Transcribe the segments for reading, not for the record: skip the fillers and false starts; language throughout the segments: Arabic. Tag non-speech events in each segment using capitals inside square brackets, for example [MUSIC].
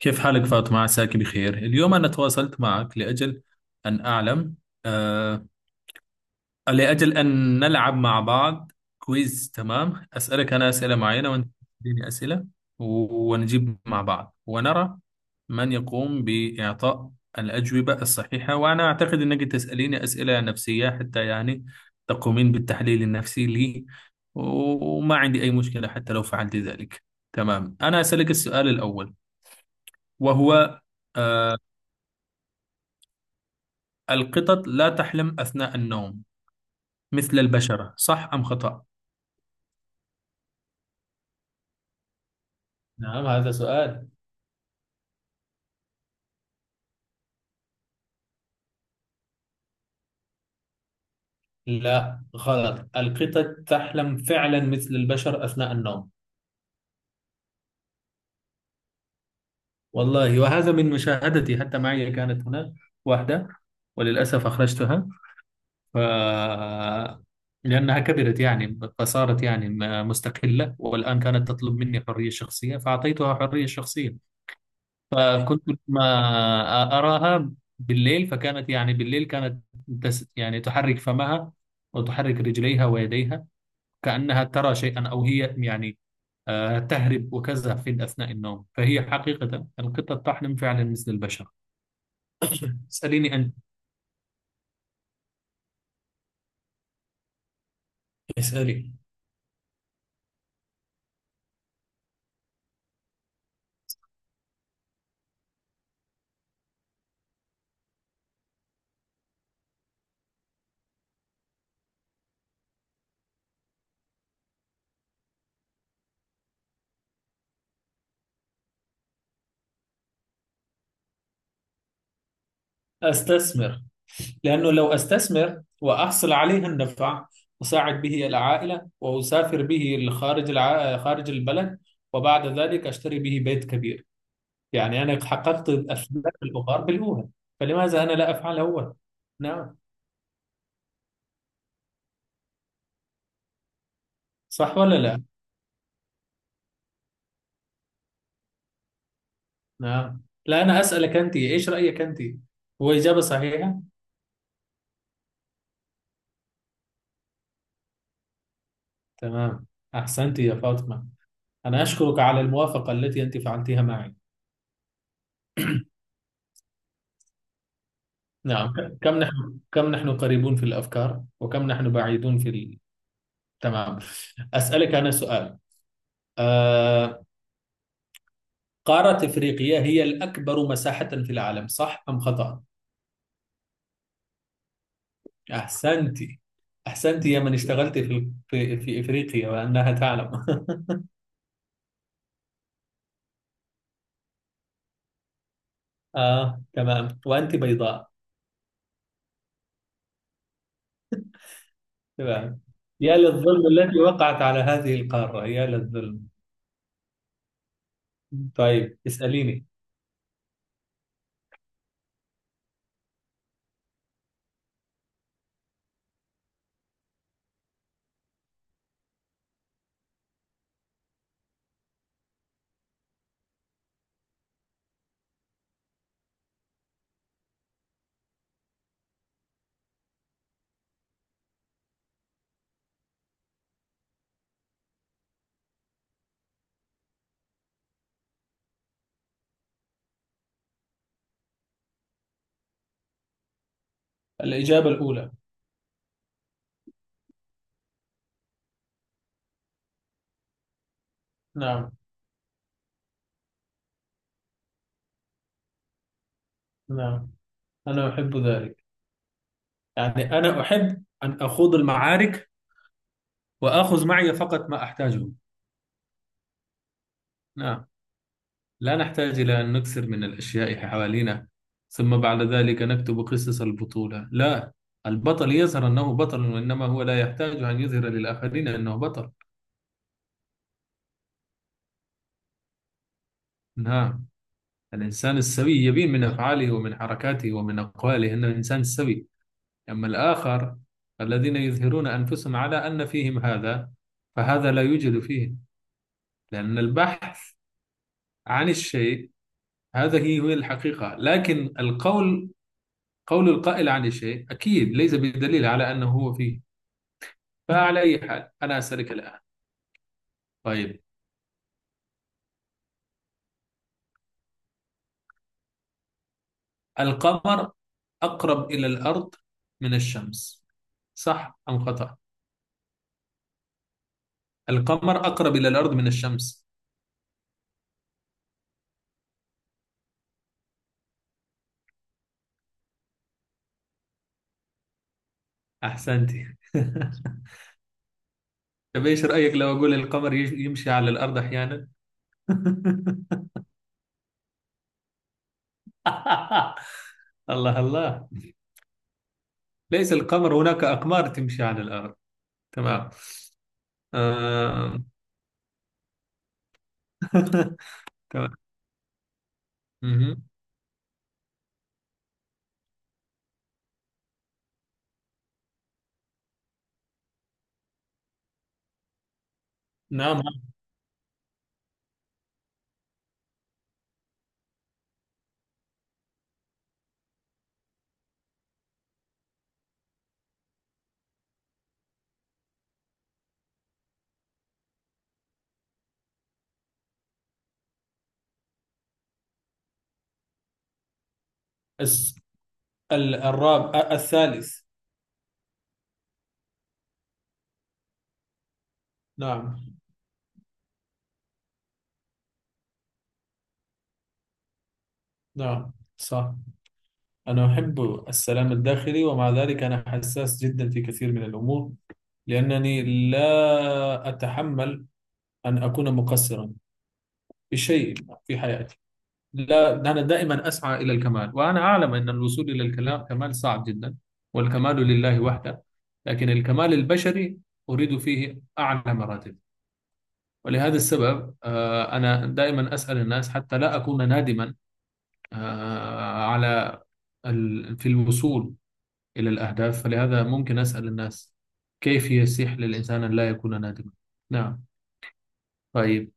كيف حالك فاطمة، عساك بخير اليوم؟ أنا تواصلت معك لأجل أن أعلم، آه لأجل أن نلعب مع بعض كويز. تمام، أسألك أنا أسئلة معينة وأنت تديني أسئلة، ونجيب مع بعض ونرى من يقوم بإعطاء الأجوبة الصحيحة. وأنا أعتقد أنك تسأليني أسئلة نفسية حتى يعني تقومين بالتحليل النفسي لي، و- وما عندي أي مشكلة حتى لو فعلت ذلك. تمام، أنا أسألك السؤال الأول وهو: آه، القطط لا تحلم أثناء النوم مثل البشرة، صح أم خطأ؟ نعم، هذا سؤال. لا، غلط. القطط تحلم فعلا مثل البشر أثناء النوم. والله، وهذا من مشاهدتي. حتى معي كانت هناك واحدة، وللأسف أخرجتها، ف... لأنها كبرت يعني، فصارت يعني مستقلة. والآن كانت تطلب مني حرية شخصية، فأعطيتها حرية شخصية. فكنت ما أراها بالليل، فكانت يعني بالليل كانت يعني تحرك فمها وتحرك رجليها ويديها، كأنها ترى شيئا، أو هي يعني تهرب وكذا في أثناء النوم. فهي حقيقة القطة تحلم فعلا مثل البشر. اسأليني أنت. اسألي. أستثمر، لأنه لو أستثمر وأحصل عليه النفع، أساعد به العائلة، وأسافر به لخارج خارج البلد، وبعد ذلك أشتري به بيت كبير. يعني أنا حققت أسباب البخار بالأولى، فلماذا أنا لا أفعل هو؟ نعم. صح ولا لا؟ نعم، لا، أنا أسألك أنت، إيش رأيك أنت؟ هو إجابة صحيحة. تمام، أحسنت يا فاطمة. أنا أشكرك على الموافقة التي أنت فعلتها معي. نعم، كم نحن قريبون في الأفكار، وكم نحن بعيدون في ال... تمام. أسألك أنا سؤال. آه... قارة إفريقيا هي الأكبر مساحة في العالم، صح أم خطأ؟ أحسنتي، أحسنتي يا من اشتغلت في إفريقيا وأنها تعلم. [LAUGHS] آه، تمام، وأنت بيضاء. تمام. يا للظلم التي وقعت على هذه القارة، يا للظلم. طيب، اسأليني. الإجابة الأولى. نعم. نعم، أنا أحب ذلك. يعني أنا أحب أن أخوض المعارك، وآخذ معي فقط ما أحتاجه. نعم، لا نحتاج إلى أن نكثر من الأشياء حوالينا، ثم بعد ذلك نكتب قصص البطولة. لا، البطل يظهر أنه بطل، وإنما هو لا يحتاج أن يظهر للآخرين أنه بطل. نعم، الإنسان السوي يبين من أفعاله ومن حركاته ومن أقواله أنه إنسان سوي. أما الآخر، الذين يظهرون أنفسهم على أن فيهم هذا، فهذا لا يوجد فيه، لأن البحث عن الشيء هذه هي الحقيقة. لكن القول، قول القائل عن الشيء، أكيد ليس بدليل على أنه هو فيه. فعلى أي حال، أنا أسألك الآن. طيب، القمر أقرب إلى الأرض من الشمس، صح أم خطأ؟ القمر أقرب إلى الأرض من الشمس. أحسنت. [LAUGHS] طب، إيش رأيك لو أقول القمر يمشي على الأرض أحيانا؟ [LAUGHS] الله الله. ليس القمر، هناك أقمار تمشي على الأرض. تمام. آه. [LAUGHS] تمام. مهم. نعم، الرابع، الثالث. نعم. نعم، صح. أنا أحب السلام الداخلي، ومع ذلك أنا حساس جدا في كثير من الأمور، لأنني لا أتحمل أن أكون مقصرا في شيء في حياتي. لا، أنا دائما أسعى إلى الكمال، وأنا أعلم أن الوصول إلى الكلام كمال صعب جدا، والكمال لله وحده. لكن الكمال البشري أريد فيه أعلى مراتب. ولهذا السبب أنا دائما أسأل الناس حتى لا أكون نادما، على في الوصول إلى الأهداف. فلهذا ممكن أسأل الناس كيف يسيح للإنسان أن لا يكون نادما. نعم. طيب.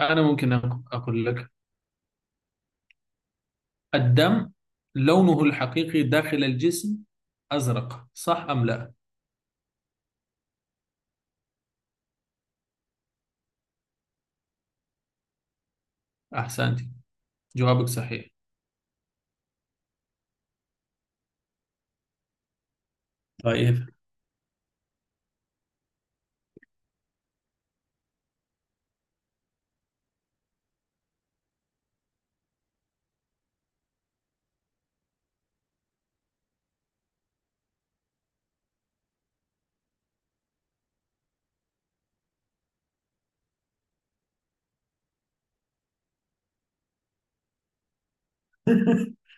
أنا ممكن أقول لك: الدم لونه الحقيقي داخل الجسم أزرق، صح أم لا؟ أحسنت. جوابك صحيح. طيب.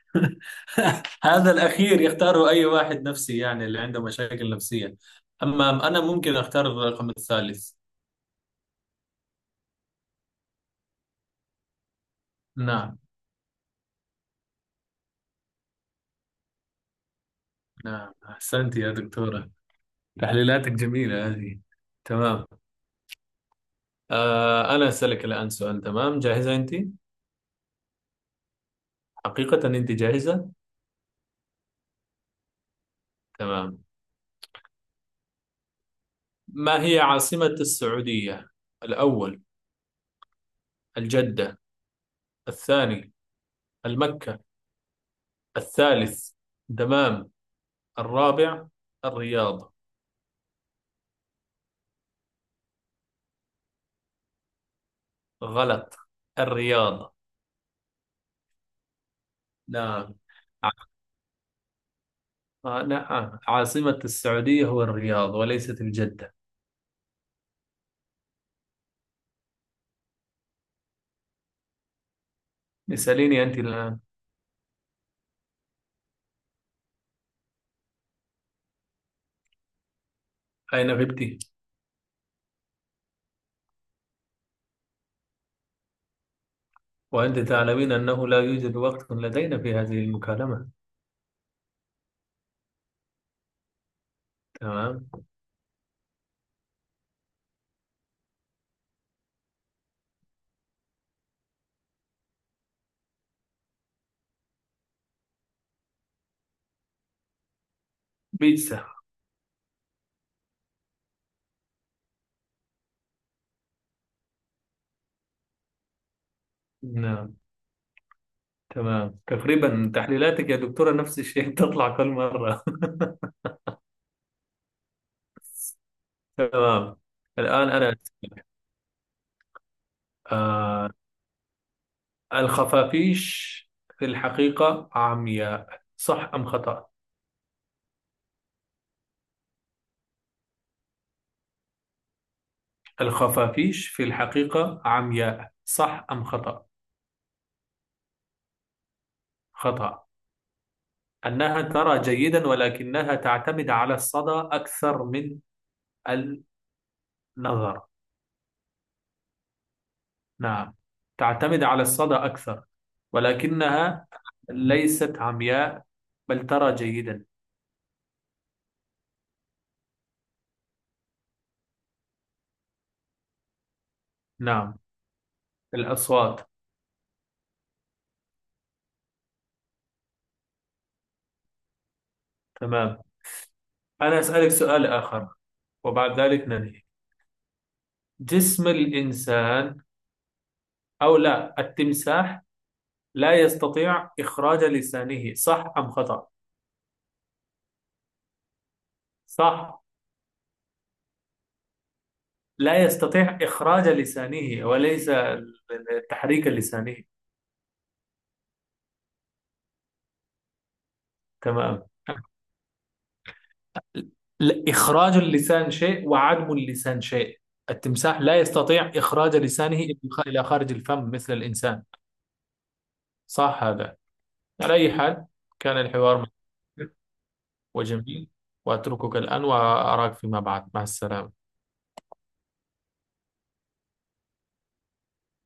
[LAUGHS] هذا الأخير يختاره أي واحد نفسي، يعني اللي عنده مشاكل نفسية. أما أنا ممكن أختار الرقم الثالث. نعم. نعم، أحسنت يا دكتورة. تحليلاتك جميلة هذه. تمام. أنا أسألك الآن سؤال، تمام؟ جاهزة أنت؟ حقيقة أنت جاهزة؟ تمام. ما هي عاصمة السعودية؟ الأول: الجدة. الثاني: المكة. الثالث: دمام. الرابع: الرياض. غلط. الرياض. نعم. آه، نعم، عاصمة السعودية هو الرياض وليست الجدة. اسأليني أنت الآن. أين غبت؟ وأنت تعلمين أنه لا يوجد وقت لدينا في هذه المكالمة. تمام. بيتزا. نعم. تمام، تقريبا تحليلاتك يا دكتورة نفس الشيء [LAUGHS] تطلع كل مرة. تمام. الآن أنا آه الخفافيش في الحقيقة عمياء، صح أم خطأ؟ الخفافيش في الحقيقة عمياء، صح أم خطأ؟ خطأ. أنها ترى جيدا، ولكنها تعتمد على الصدى أكثر من النظر. نعم، تعتمد على الصدى أكثر، ولكنها ليست عمياء، بل ترى جيدا. نعم، الأصوات. تمام، أنا أسألك سؤال آخر وبعد ذلك ننهي. جسم الإنسان، أو لا، التمساح لا يستطيع إخراج لسانه، صح أم خطأ؟ صح، لا يستطيع إخراج لسانه، وليس التحريك اللساني. تمام. لا، إخراج اللسان شيء وعدم اللسان شيء. التمساح لا يستطيع إخراج لسانه إلى خارج الفم مثل الإنسان. صح هذا. على أي حال، كان الحوار مثير وجميل، وأتركك الآن وأراك فيما بعد، مع السلامة.